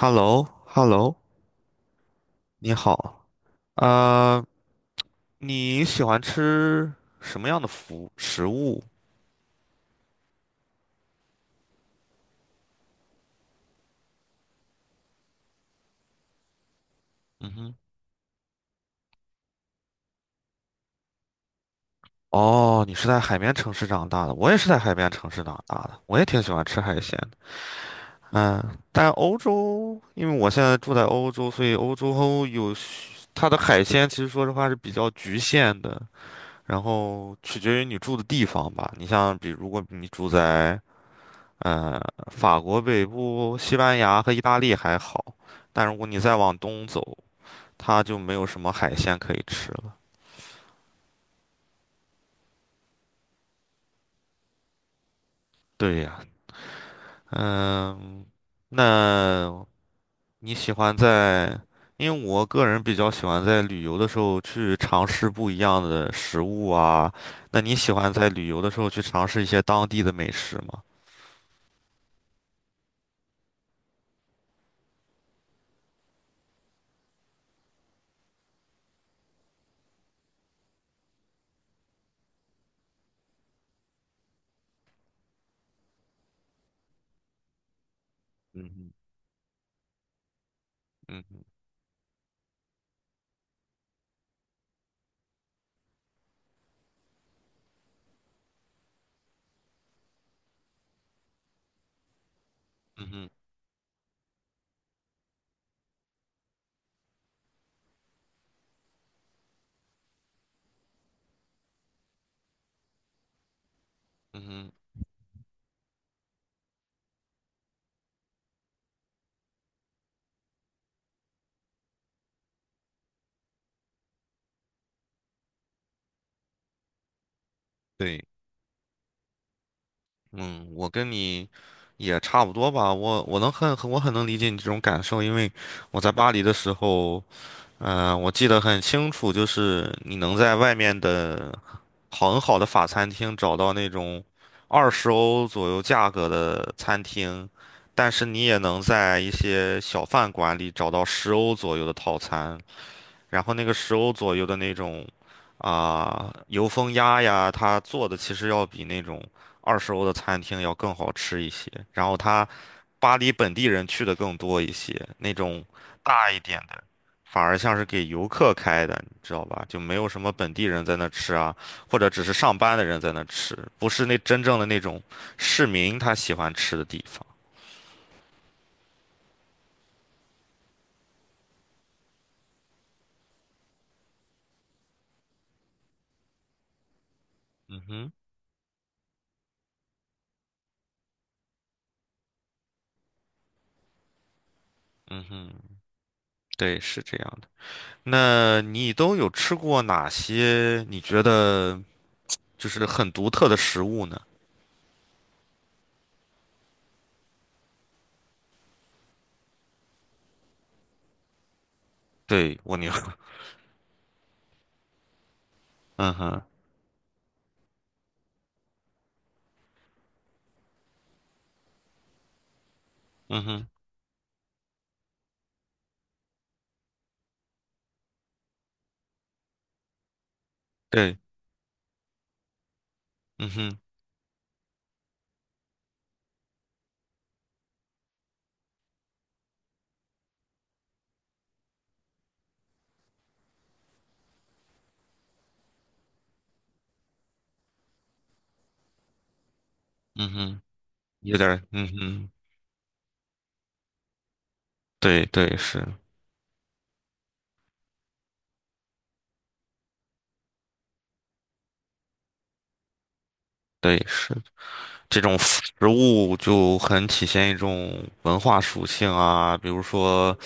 h e l l o h e l l o 你好，呃，你喜欢吃什么样的服食物？嗯哼。哦，你是在海边城市长大的，我也是在海边城市长大的，我也挺喜欢吃海鲜的。嗯，但欧洲，因为我现在住在欧洲，所以欧洲有许它的海鲜，其实说实话是比较局限的，然后取决于你住的地方吧。你像比如如果你住在呃，法国北部、西班牙和意大利还好，但如果你再往东走，它就没有什么海鲜可以吃了。对呀。嗯。那你喜欢在？因为我个人比较喜欢在旅游的时候去尝试不一样的食物啊。那你喜欢在旅游的时候去尝试一些当地的美食吗？嗯哼。嗯哼。嗯哼。嗯哼。对。嗯，我跟你也差不多吧。我能很我很能理解你这种感受，因为我在巴黎的时候，我记得很清楚，就是你能在外面的好很好的法餐厅找到那种二十欧左右价格的餐厅，但是你也能在一些小饭馆里找到十欧左右的套餐。然后那个十欧左右的那种啊、油封鸭呀，它做的其实要比那种二十欧的餐厅要更好吃一些。然后它巴黎本地人去的更多一些，那种大一点的反而像是给游客开的，你知道吧？就没有什么本地人在那吃啊，或者只是上班的人在那吃，不是那真正的那种市民他喜欢吃的地方。嗯哼。嗯哼。对，是这样的。那你都有吃过哪些你觉得就是很独特的食物呢？对，蜗牛。嗯哼。嗯哼。对。嗯哼。嗯哼。有点儿。嗯哼。对对是。对是，这种食物就很体现一种文化属性啊，比如说，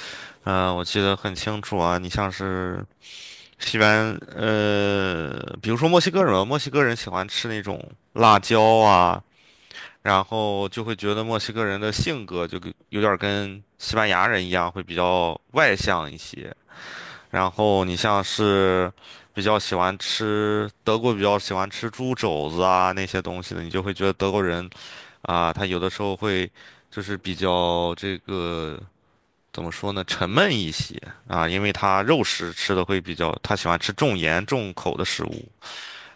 我记得很清楚啊，你像是西班，比如说墨西哥人，墨西哥人喜欢吃那种辣椒啊。然后就会觉得墨西哥人的性格就跟有点儿跟西班牙人一样，会比较外向一些。然后你像是比较喜欢吃德国比较喜欢吃猪肘子啊那些东西的，你就会觉得德国人啊，他有的时候会就是比较这个怎么说呢，沉闷一些啊，因为他肉食吃的会比较，他喜欢吃重盐重口的食物。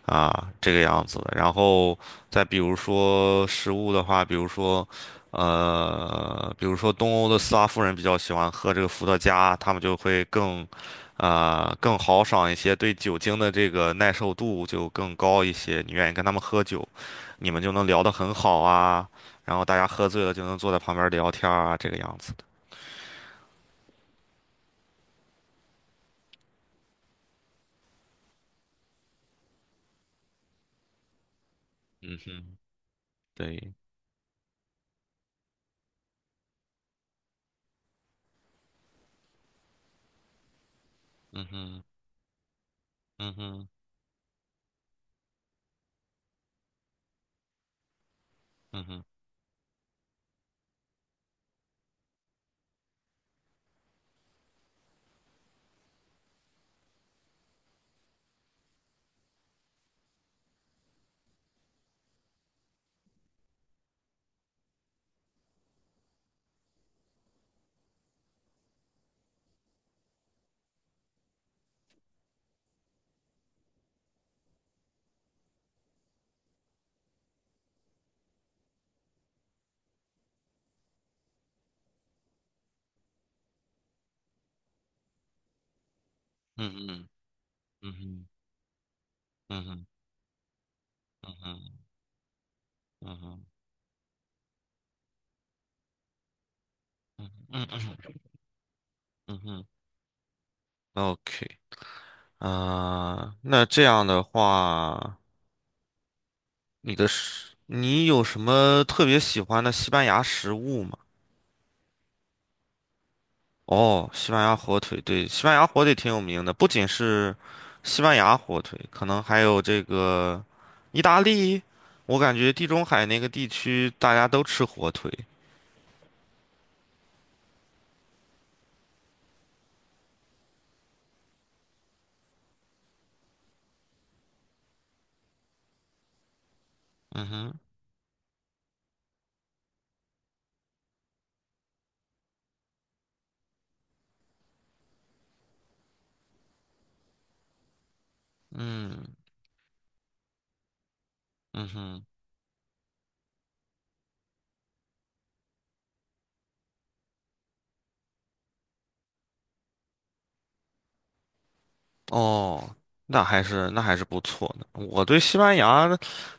啊，这个样子的。然后再比如说食物的话，比如说，比如说东欧的斯拉夫人比较喜欢喝这个伏特加，他们就会更，啊、更豪爽一些，对酒精的这个耐受度就更高一些。你愿意跟他们喝酒，你们就能聊得很好啊。然后大家喝醉了就能坐在旁边聊天儿啊，这个样子的。嗯哼。对。嗯哼。嗯哼。嗯哼。嗯哼。嗯哼。嗯哼。嗯哼。嗯哼。嗯哼嗯哼嗯哼，，OK。啊、那这样的话，你的食，你有什么特别喜欢的西班牙食物吗？哦，西班牙火腿，对，西班牙火腿挺有名的，不仅是西班牙火腿，可能还有这个意大利，我感觉地中海那个地区大家都吃火腿。嗯哼。嗯。嗯哼。哦，那还是那还是不错的。我对西班牙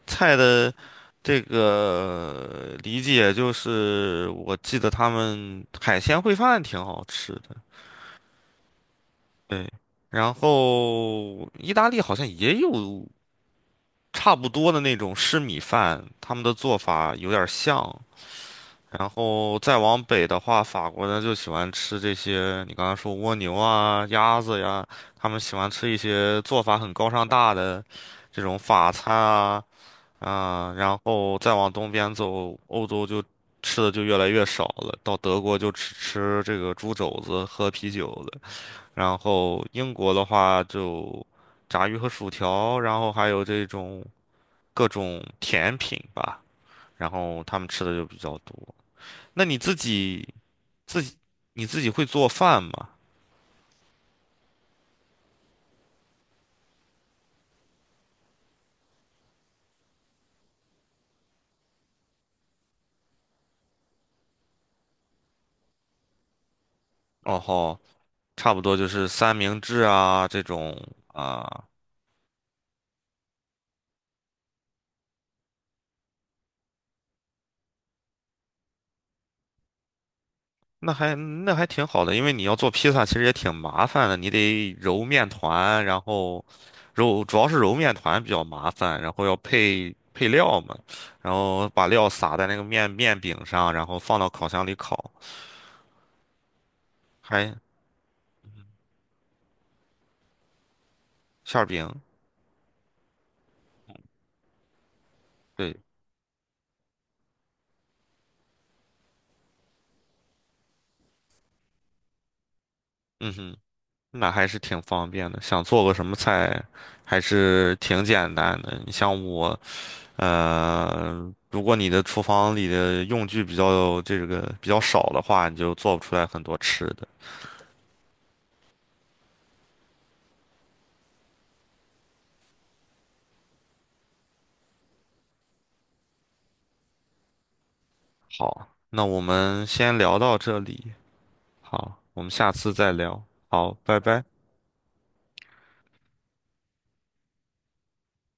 菜的这个理解就是，我记得他们海鲜烩饭挺好吃的，对。然后意大利好像也有差不多的那种湿米饭，他们的做法有点像。然后再往北的话，法国人就喜欢吃这些，你刚才说蜗牛啊、鸭子呀，他们喜欢吃一些做法很高尚大的这种法餐啊啊。然后再往东边走，欧洲就吃的就越来越少了，到德国就只吃这个猪肘子、喝啤酒了。然后英国的话就炸鱼和薯条，然后还有这种各种甜品吧，然后他们吃的就比较多。那你自己？自己你自己会做饭吗？哦吼，差不多就是三明治啊这种啊，那还那还挺好的，因为你要做披萨其实也挺麻烦的，你得揉面团，然后揉主要是揉面团比较麻烦，然后要配配料嘛，然后把料撒在那个面面饼上，然后放到烤箱里烤，还馅儿饼，对。嗯哼。那还是挺方便的，想做个什么菜，还是挺简单的。你像我，如果你的厨房里的用具比较这个比较少的话，你就做不出来很多吃的。好，那我们先聊到这里。好，我们下次再聊。好，拜拜。